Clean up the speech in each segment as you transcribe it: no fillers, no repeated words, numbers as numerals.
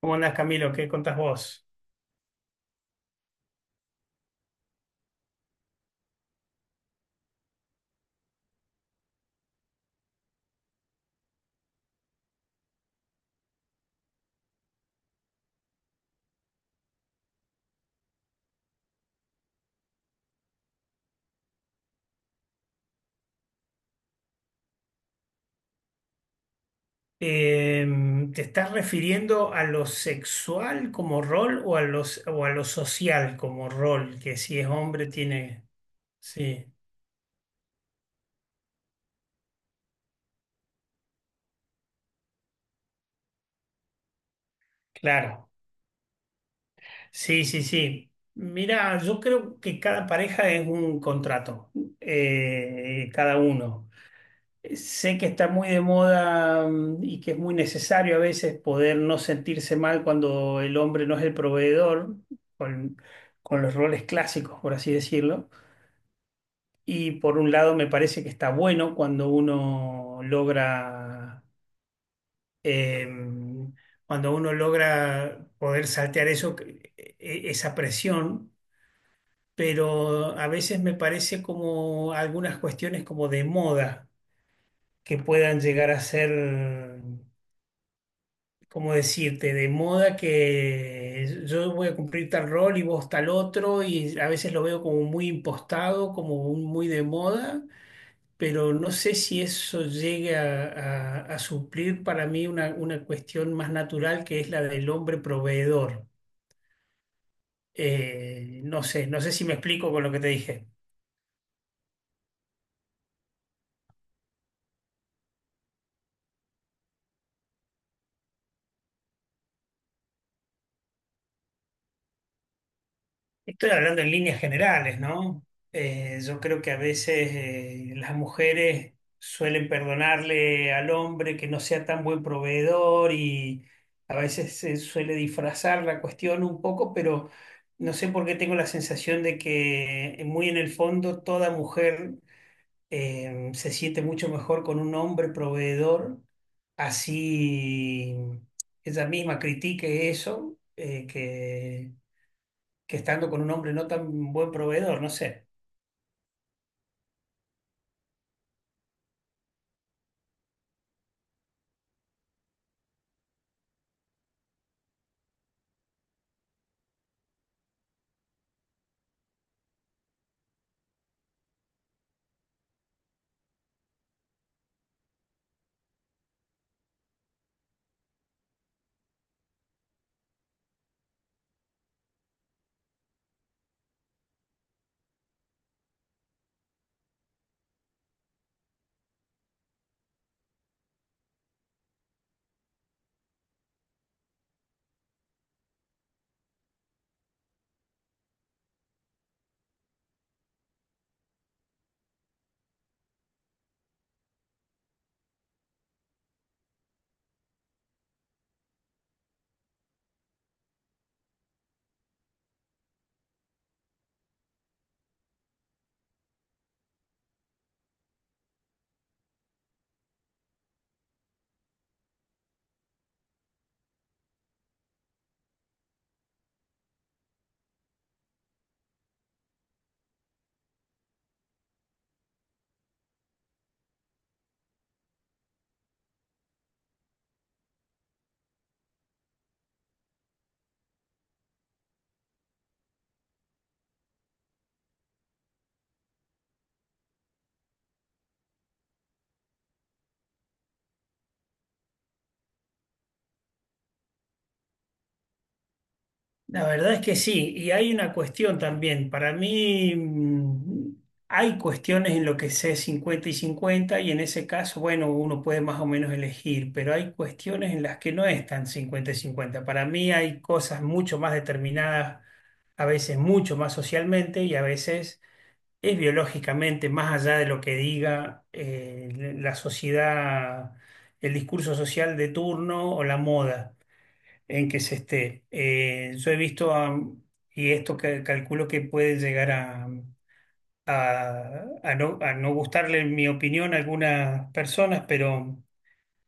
¿Cómo andás, Camilo? ¿Qué contás vos? ¿Te estás refiriendo a lo sexual como rol o a lo social como rol? Que si es hombre tiene... Sí, claro. Sí, sí, sí. Mira, yo creo que cada pareja es un contrato, cada uno. Sé que está muy de moda y que es muy necesario a veces poder no sentirse mal cuando el hombre no es el proveedor, con, con los roles clásicos, por así decirlo. Y por un lado me parece que está bueno cuando em, cuando uno logra poder saltear eso, esa presión, pero a veces me parece como algunas cuestiones como de moda que puedan llegar a ser, como decirte, de moda que yo voy a cumplir tal rol y vos tal otro, y a veces lo veo como muy impostado, muy de moda, pero no sé si eso llegue a, a suplir para mí una cuestión más natural que es la del hombre proveedor. No sé, no sé si me explico con lo que te dije. Estoy hablando en líneas generales, ¿no? Yo creo que a veces, las mujeres suelen perdonarle al hombre que no sea tan buen proveedor y a veces se suele disfrazar la cuestión un poco, pero no sé por qué tengo la sensación de que muy en el fondo toda mujer, se siente mucho mejor con un hombre proveedor, así ella misma critique eso, que estando con un hombre no tan buen proveedor, no sé. La verdad es que sí, y hay una cuestión también. Para mí hay cuestiones en lo que sé 50 y 50 y en ese caso, bueno, uno puede más o menos elegir, pero hay cuestiones en las que no es tan 50 y 50. Para mí hay cosas mucho más determinadas, a veces mucho más socialmente y a veces es biológicamente, más allá de lo que diga la sociedad, el discurso social de turno o la moda en que se esté. Yo he visto, y esto que calculo que puede llegar a, a no gustarle mi opinión a algunas personas, pero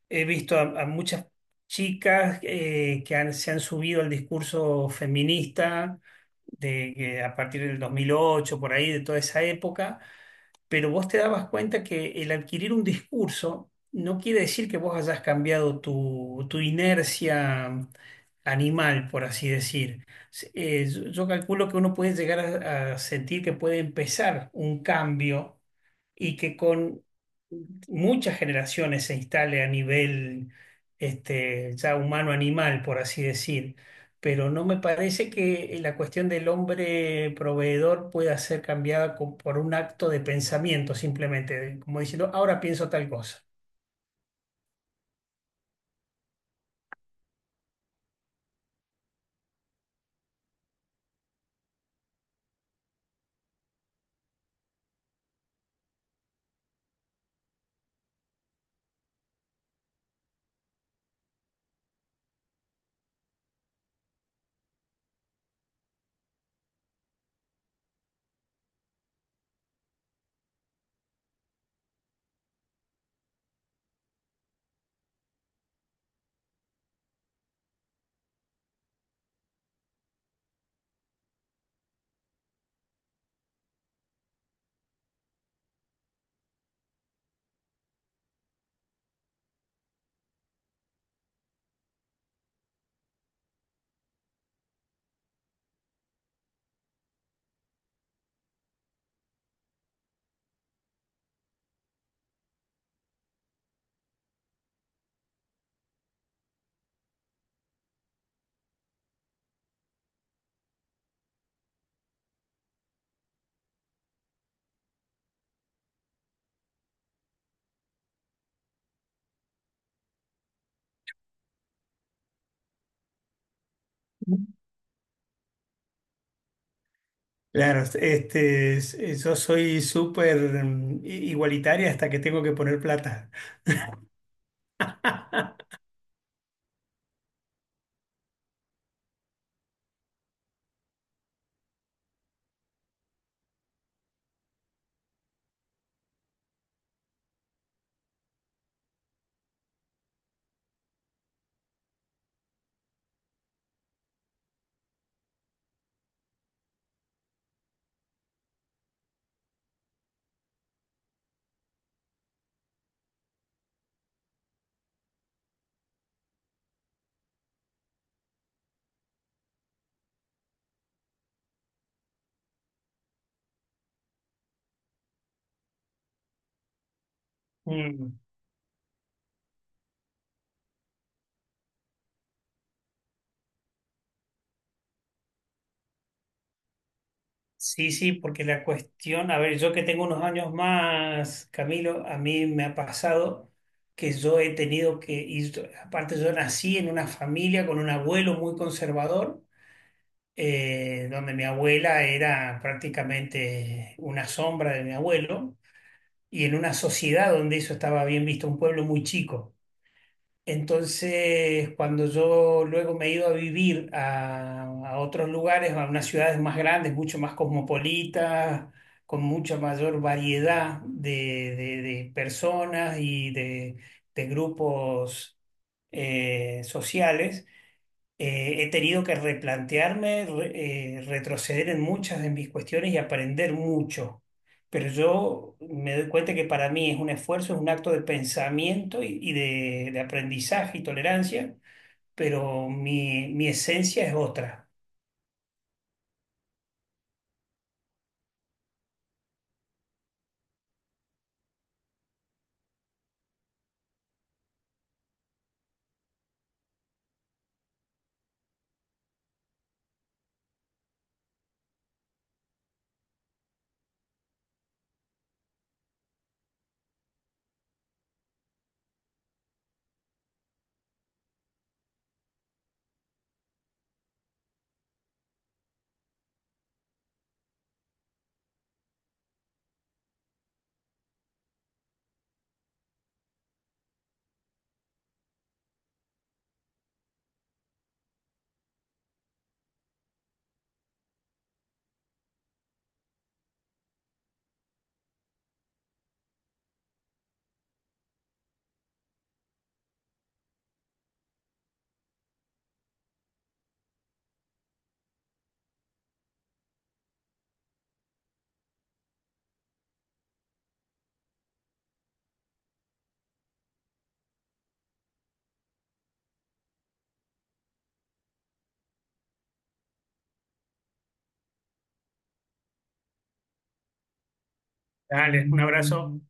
he visto a muchas chicas que se han subido al discurso feminista de, que a partir del 2008 por ahí, de toda esa época, pero vos te dabas cuenta que el adquirir un discurso no quiere decir que vos hayas cambiado tu inercia animal, por así decir. Yo, yo calculo que uno puede llegar a sentir que puede empezar un cambio y que con muchas generaciones se instale a nivel ya humano-animal, por así decir, pero no me parece que la cuestión del hombre proveedor pueda ser cambiada por un acto de pensamiento, simplemente, como diciendo, ahora pienso tal cosa. Claro, este, yo soy súper igualitaria hasta que tengo que poner plata. Mm, sí, sí, porque la cuestión, a ver, yo que tengo unos años más, Camilo, a mí me ha pasado que yo he tenido que, y aparte yo nací en una familia con un abuelo muy conservador, donde mi abuela era prácticamente una sombra de mi abuelo, y en una sociedad donde eso estaba bien visto, un pueblo muy chico. Entonces, cuando yo luego me he ido a vivir a otros lugares, a unas ciudades más grandes, mucho más cosmopolitas, con mucha mayor variedad de personas y de grupos sociales, he tenido que replantearme, retroceder en muchas de mis cuestiones y aprender mucho. Pero yo me doy cuenta que para mí es un esfuerzo, es un acto de pensamiento y de aprendizaje y tolerancia, pero mi esencia es otra. Dale, un abrazo.